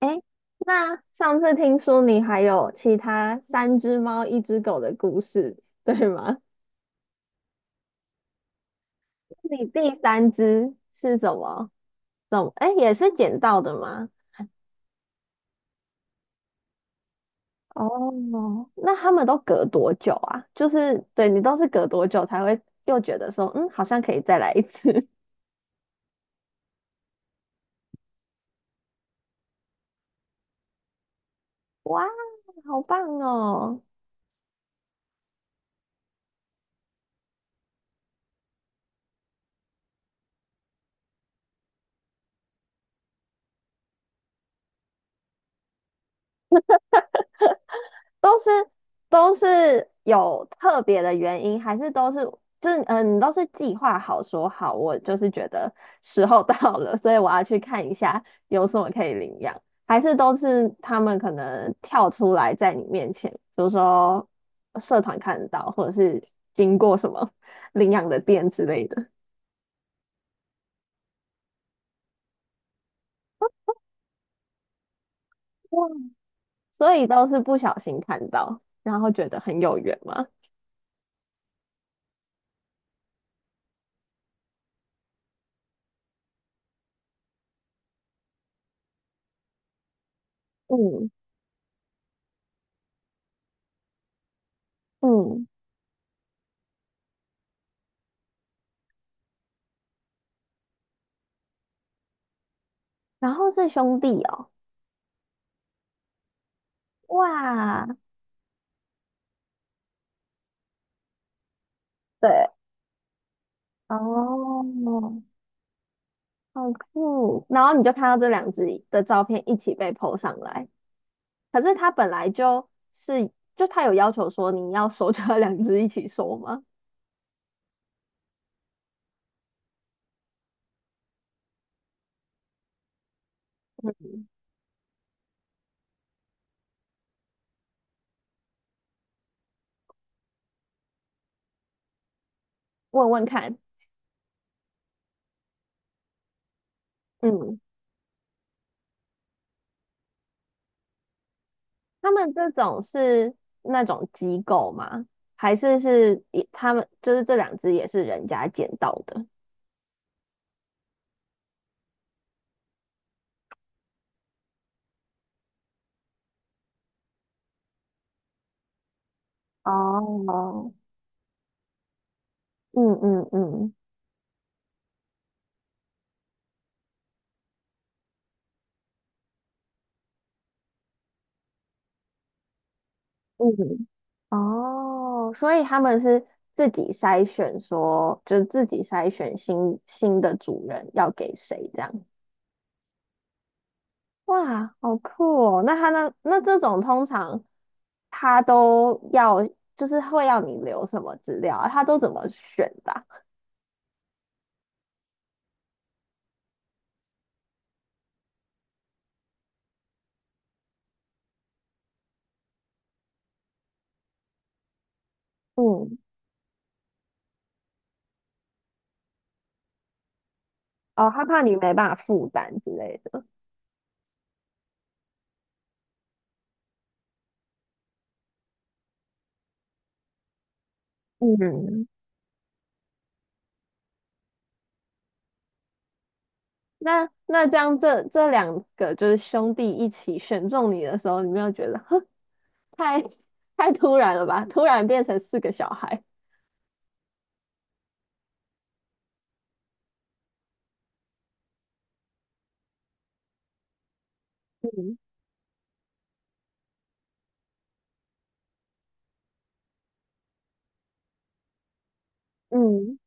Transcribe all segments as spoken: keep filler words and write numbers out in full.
诶，那上次听说你还有其他三只猫、一只狗的故事，对吗？你第三只是什么？怎么？诶，也是捡到的吗？哦，那他们都隔多久啊？就是对你都是隔多久才会又觉得说，嗯，好像可以再来一次？哇，好棒哦！都是都是有特别的原因，还是都是就是嗯、呃你都是计划好说好，我就是觉得 时候到了，所以我要去看一下有什么可以领养，还是都是他们可能跳出来在你面前，比如说社团看得到，或者是经过什么 领养的店之类的，哇，所以都是不小心看到，然后觉得很有缘嘛。嗯嗯，然后是兄弟哦，哇。对，哦，好酷！然后你就看到这两只的照片一起被 po 上来，可是他本来就是，就他有要求说你要收，就要两只一起收吗？嗯，问问看，嗯，他们这种是那种机构吗？还是是一他们就是这两只也是人家捡到的？哦，嗯嗯嗯。嗯，哦，所以他们是自己筛选说，就是自己筛选新新的主人要给谁这样。哇，好酷哦！那他那那这种通常他都要，就是会要你留什么资料啊？他都怎么选的啊嗯，哦，他怕你没办法负担之类的。嗯，那那这样这这两个就是兄弟一起选中你的时候，你没有觉得太太突然了吧？突然变成四个小孩，嗯嗯，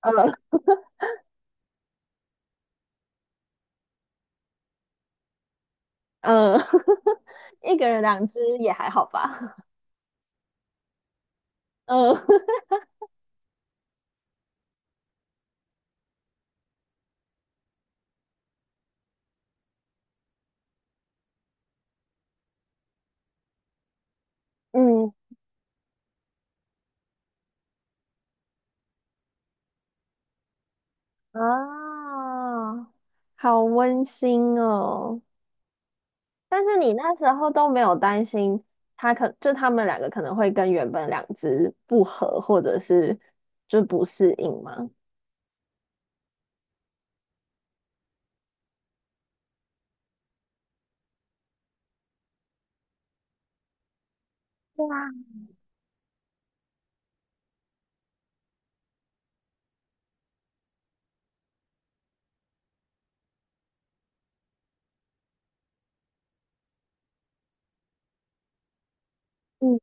呃呃，一个人两只也还好吧？呃 嗯啊，好温馨哦。但是你那时候都没有担心他可就他们两个可能会跟原本两只不合，或者是就不适应吗？对哇，嗯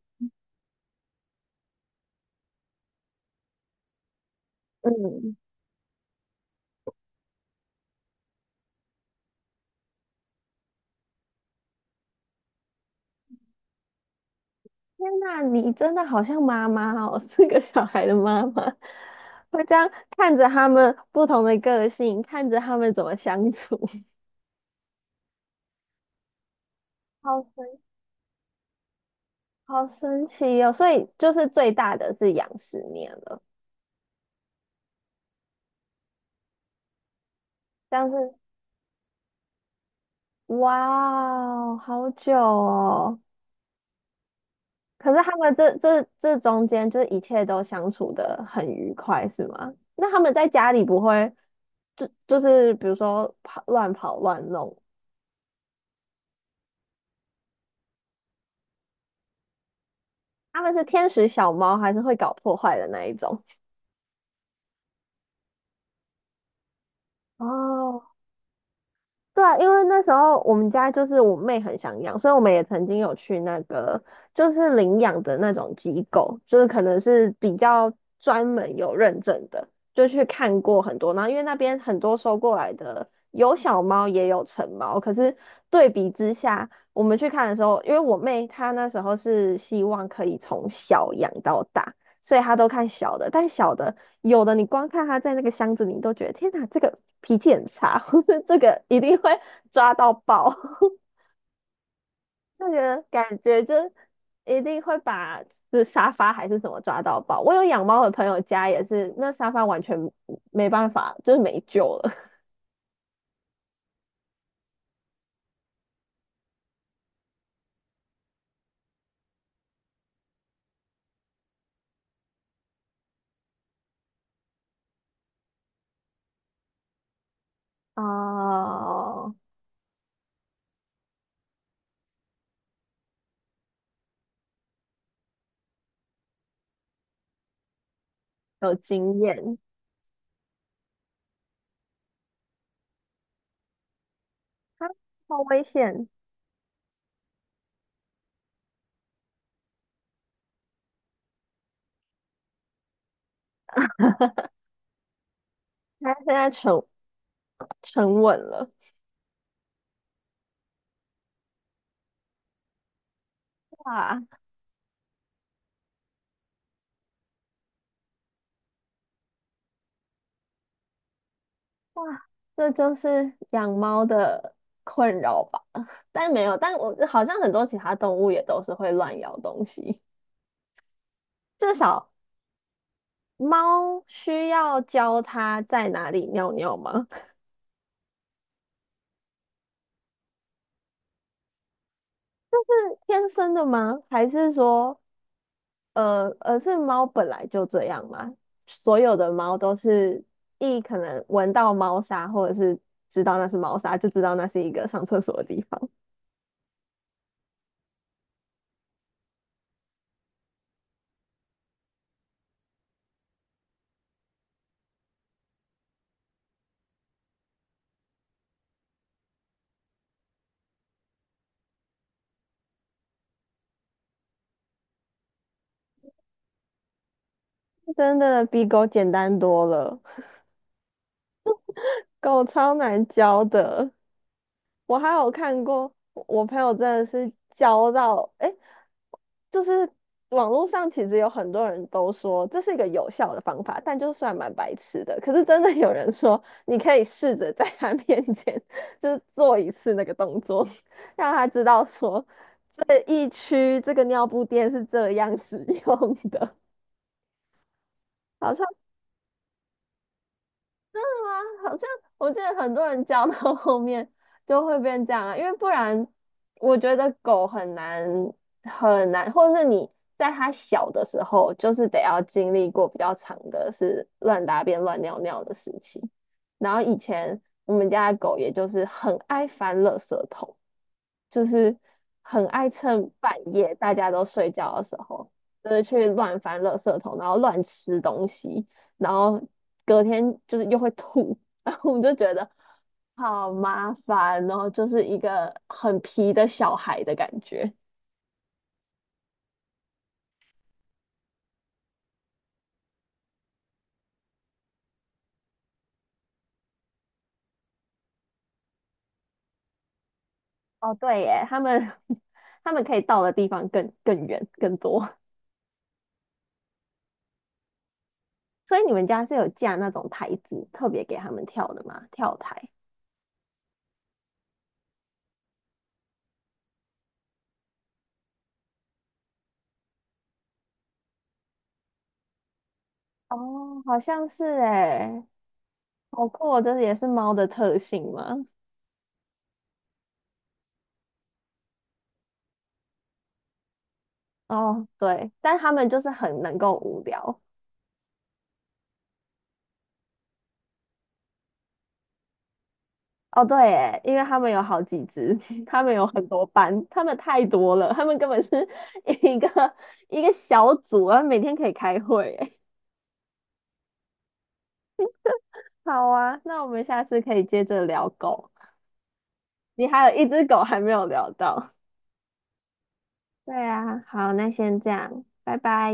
嗯，天呐，你真的好像妈妈哦，是个小孩的妈妈，会这样看着他们不同的个性，看着他们怎么相处，好神，好神奇哦！所以就是最大的是养十年了，但是哇哦，好久哦。可是他们这这这中间，就是一切都相处的很愉快，是吗？那他们在家里不会就就是比如说跑乱跑乱弄他们是天使小猫，还是会搞破坏的那一种？哦，对啊，因为那时候我们家就是我妹很想养，所以我们也曾经有去那个就是领养的那种机构，就是可能是比较专门有认证的，就去看过很多。然后因为那边很多收过来的有小猫也有成猫，可是对比之下，我们去看的时候，因为我妹她那时候是希望可以从小养到大，所以她都看小的，但小的有的你光看他在那个箱子里，你都觉得天哪，这个脾气很差，或者这个一定会 抓到爆，就觉得感觉就是一定会把这沙发还是什么抓到爆。我有养猫的朋友家也是，那沙发完全没办法，就是没救了。哦，有经验，它好危险，它现在沉沉稳了，哇。哇，这就是养猫的困扰吧？但没有，但我好像很多其他动物也都是会乱咬东西。至少猫需要教它在哪里尿尿吗？天生的吗？还是说，呃，而是猫本来就这样吗？所有的猫都是一可能闻到猫砂，或者是知道那是猫砂，就知道那是一个上厕所的地方。真的比狗简单多了，狗超难教的。我还有看过，我朋友真的是教到，诶，就是网络上其实有很多人都说这是一个有效的方法，但就算蛮白痴的。可是真的有人说，你可以试着在他 面前就是做一次那个动作，让他知道说这一区这个尿布垫是这样使用的，好像真的吗？好像我记得很多人教到 后面就会变这样啊，因为不然我觉得狗很难很难，或者是你在它小的时候，就是得要经历过比较长的是乱大便乱尿尿的时期。然后以前我们家的狗也就是很爱翻垃圾桶，就是很爱趁半夜大家都睡觉的时候，就是去乱翻垃圾桶，然后乱吃东西，然后隔天就是又会吐，然后我们就觉得好麻烦哦，然后就是一个很皮的小孩的感觉。哦，对耶，他们 他们可以到的地方更更远更多，所以你们家是有架那种台子，特别给他们跳的吗？跳台？哦，好像是诶，好酷哦，这也是猫的特性吗？哦，对，但他们就是很能够无聊。哦，对耶，因为他们有好几只，他们有很多班，他们太多了，他们根本是 一个一个小组啊，每天可以开会耶。好啊，那我们下次可以接着聊狗。你还有一只狗还没有聊到。对啊，好，那先这样，拜拜。